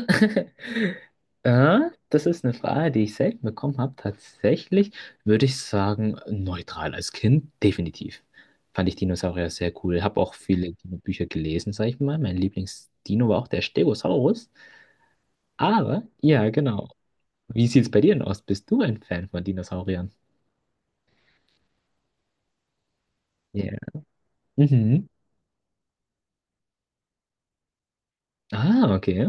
Ja, das ist eine Frage, die ich selten bekommen habe. Tatsächlich würde ich sagen, neutral als Kind, definitiv. Fand ich Dinosaurier sehr cool. Habe auch viele Dino-Bücher gelesen, sag ich mal. Mein Lieblingsdino war auch der Stegosaurus. Aber, ja, genau. Wie sieht es bei dir denn aus? Bist du ein Fan von Dinosauriern? Ja. Mhm. Ah, okay.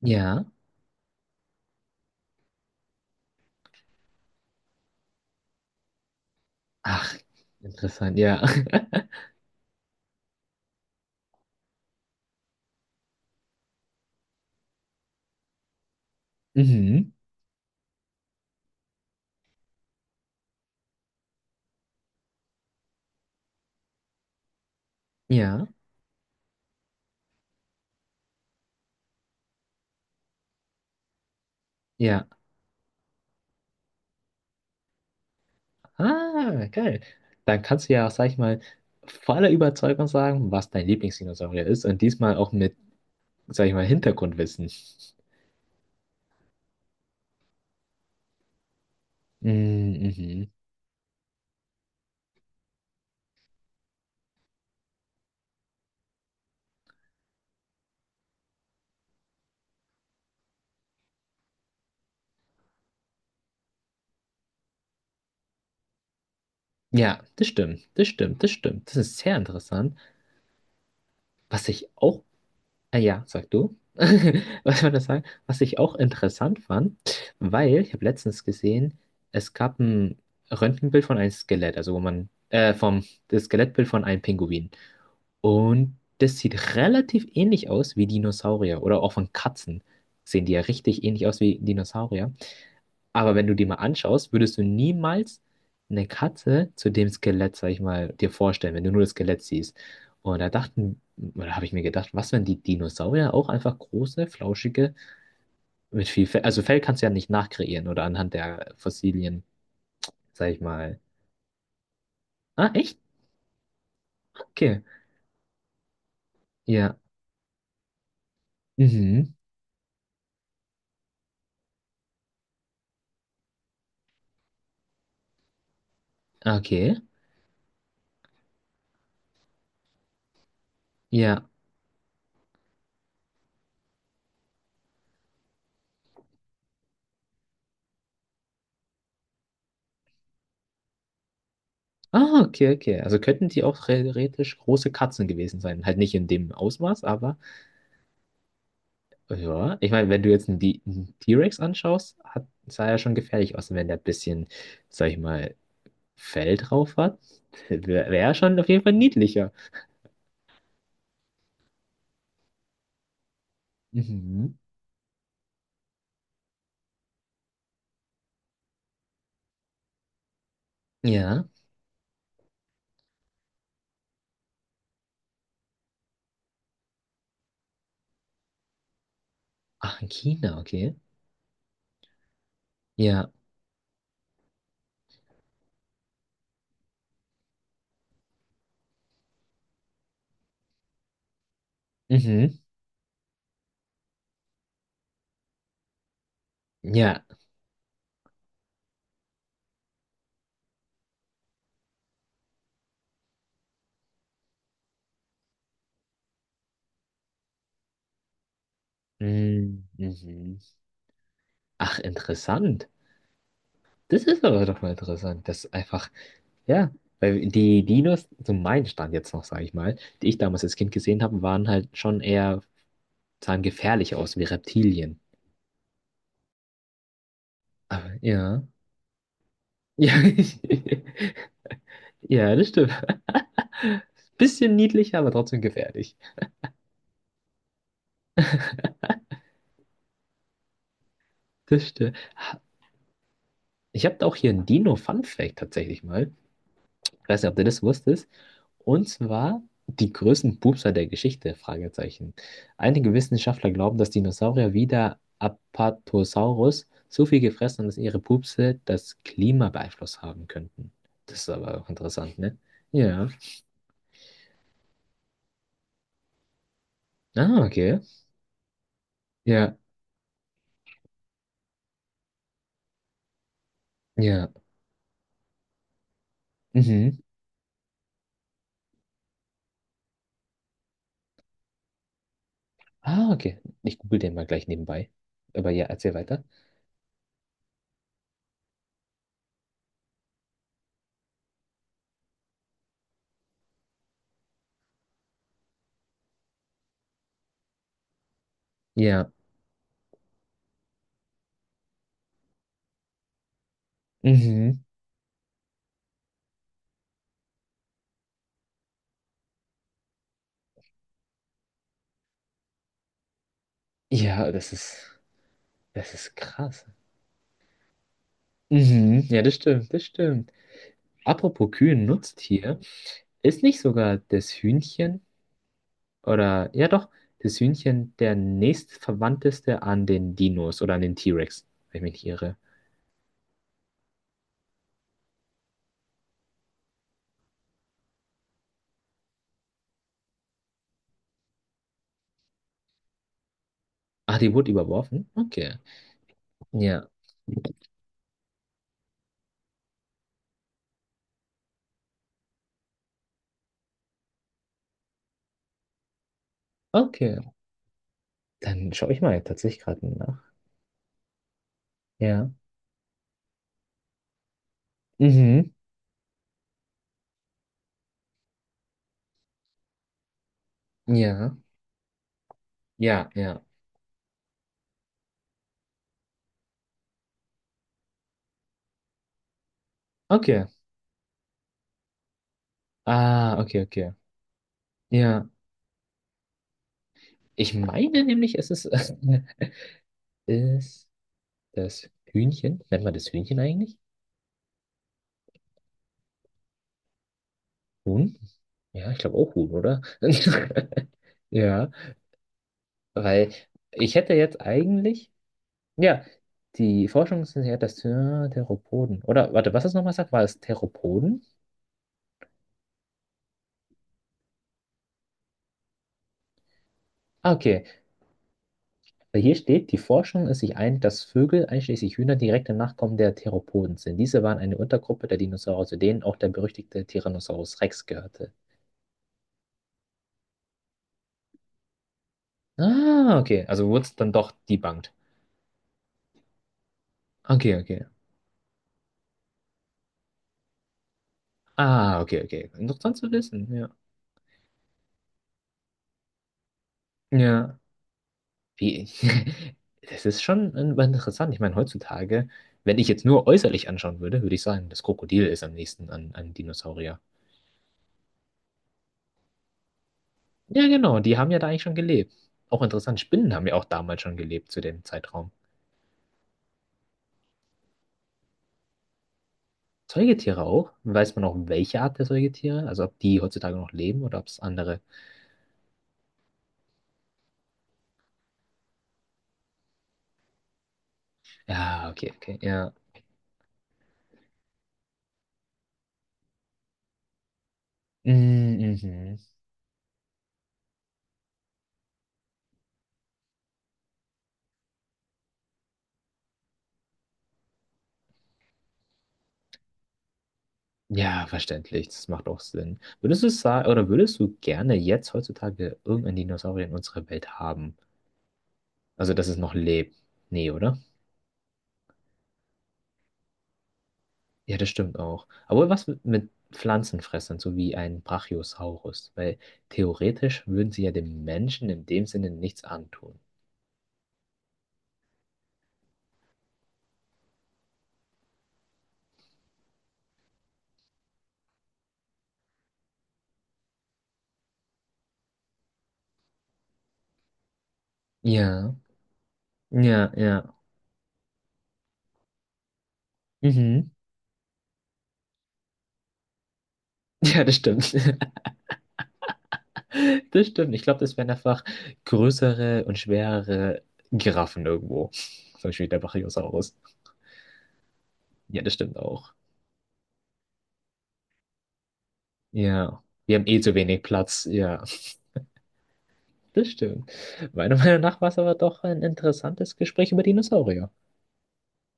Ja. Ach, interessant, ja. Mhm. Ja, ja. Ah, geil. Dann kannst du ja auch, sag ich mal, voller Überzeugung sagen, was dein Lieblingsdinosaurier ist und diesmal auch mit, sag ich mal, Hintergrundwissen. Mm, mhm. Ja, das stimmt, das stimmt, das stimmt. Das ist sehr interessant. Was ich auch, ah ja, sag du, was soll das sagen? Was ich auch interessant fand, weil ich habe letztens gesehen, es gab ein Röntgenbild von einem Skelett, also wo man, vom, das Skelettbild von einem Pinguin. Und das sieht relativ ähnlich aus wie Dinosaurier oder auch von Katzen. Sehen die ja richtig ähnlich aus wie Dinosaurier. Aber wenn du die mal anschaust, würdest du niemals eine Katze zu dem Skelett, sag ich mal, dir vorstellen, wenn du nur das Skelett siehst. Und da dachten, oder habe ich mir gedacht, was, wenn die Dinosaurier auch einfach große, flauschige, mit viel Fell, also Fell kannst du ja nicht nachkreieren oder anhand der Fossilien, sag ich mal. Ah, echt? Okay. Ja. Mhm. Okay. Ja. Ah, okay, okay. Also könnten die auch theoretisch große Katzen gewesen sein. Halt nicht in dem Ausmaß, aber ja. Ich meine, wenn du jetzt einen einen T-Rex anschaust, hat, sah er schon gefährlich aus. Und wenn der ein bisschen, sag ich mal, Fell drauf hat, wäre er schon auf jeden Fall niedlicher. Mhm. Ja. Ach, in China, okay. Ja. Mhm. Ja. Mm, mhm. Ach, interessant. Das ist aber doch mal interessant, dass einfach ja, weil die Dinos, so mein Stand jetzt noch, sage ich mal, die ich damals als Kind gesehen habe, waren halt schon eher, sahen gefährlich aus wie Reptilien. Aber ja. Ja, ja, das stimmt. Bisschen niedlich, aber trotzdem gefährlich. Das stimmt. Ich habe auch hier einen Dino-Fun-Fact tatsächlich mal. Ich weiß nicht, ob du das wusstest. Und zwar die größten Pupser der Geschichte, Fragezeichen. Einige Wissenschaftler glauben, dass Dinosaurier wie der Apatosaurus so viel gefressen haben, dass ihre Pupse das Klima beeinflusst haben könnten. Das ist aber auch interessant, ne? Ja. Ah, okay. Ja. Ja. Mhm. Ah, okay. Ich google den mal gleich nebenbei. Aber ja, erzähl weiter. Ja. Mhm. Ja, das ist krass. Mhm. Ja, das stimmt, das stimmt. Apropos Kühe, ein Nutztier, ist nicht sogar das Hühnchen oder ja doch, das Hühnchen der nächstverwandteste an den Dinos oder an den T-Rex, wenn ich mich nicht irre. Ah, die wurde überworfen? Okay. Ja, okay. Dann schaue ich mal tatsächlich gerade nach. Ja. Mhm. Ja. Ja, ja. Okay. Ah, okay, okay. Ja. Ich meine nämlich, es ist, ist das Hühnchen. Nennt man das Hühnchen eigentlich? Huhn? Ja, ich glaube auch Huhn, oder? Ja, weil ich hätte jetzt eigentlich, ja, die Forschung ist ja das Theropoden. Oder, warte, was das nochmal sagt, war es Theropoden? Ah, okay, weil hier steht, die Forschung ist sich einig, dass Vögel, einschließlich Hühner, direkte Nachkommen der Theropoden sind. Diese waren eine Untergruppe der Dinosaurier, zu denen auch der berüchtigte Tyrannosaurus Rex gehörte. Ah, okay, also wurde es dann doch debunked. Okay, okay. Ah, okay, okay. Interessant zu wissen, ja. Ja. Wie, das ist schon interessant. Ich meine, heutzutage, wenn ich jetzt nur äußerlich anschauen würde, würde ich sagen, das Krokodil ist am nächsten an, an Dinosaurier. Ja, genau, die haben ja da eigentlich schon gelebt. Auch interessant, Spinnen haben ja auch damals schon gelebt zu dem Zeitraum. Säugetiere auch. Weiß man auch, welche Art der Säugetiere? Also ob die heutzutage noch leben oder ob es andere. Ja, okay, okay, ja. Mm, mhm. Ja, verständlich. Das macht auch Sinn. Würdest du sagen, oder würdest du gerne jetzt heutzutage irgendeinen Dinosaurier in unserer Welt haben? Also, dass es noch lebt. Nee, oder? Ja, das stimmt auch. Aber was mit Pflanzenfressern, so wie ein Brachiosaurus? Weil theoretisch würden sie ja dem Menschen in dem Sinne nichts antun. Ja, ja, ja. Mhm. Ja, das stimmt. Das stimmt. Ich glaube, das wären einfach größere und schwerere Giraffen irgendwo. Zum Beispiel der Brachiosaurus. Ja, das stimmt auch. Ja. Wir haben eh zu wenig Platz. Ja. Das stimmt. Meiner Meinung nach war es aber doch ein interessantes Gespräch über Dinosaurier.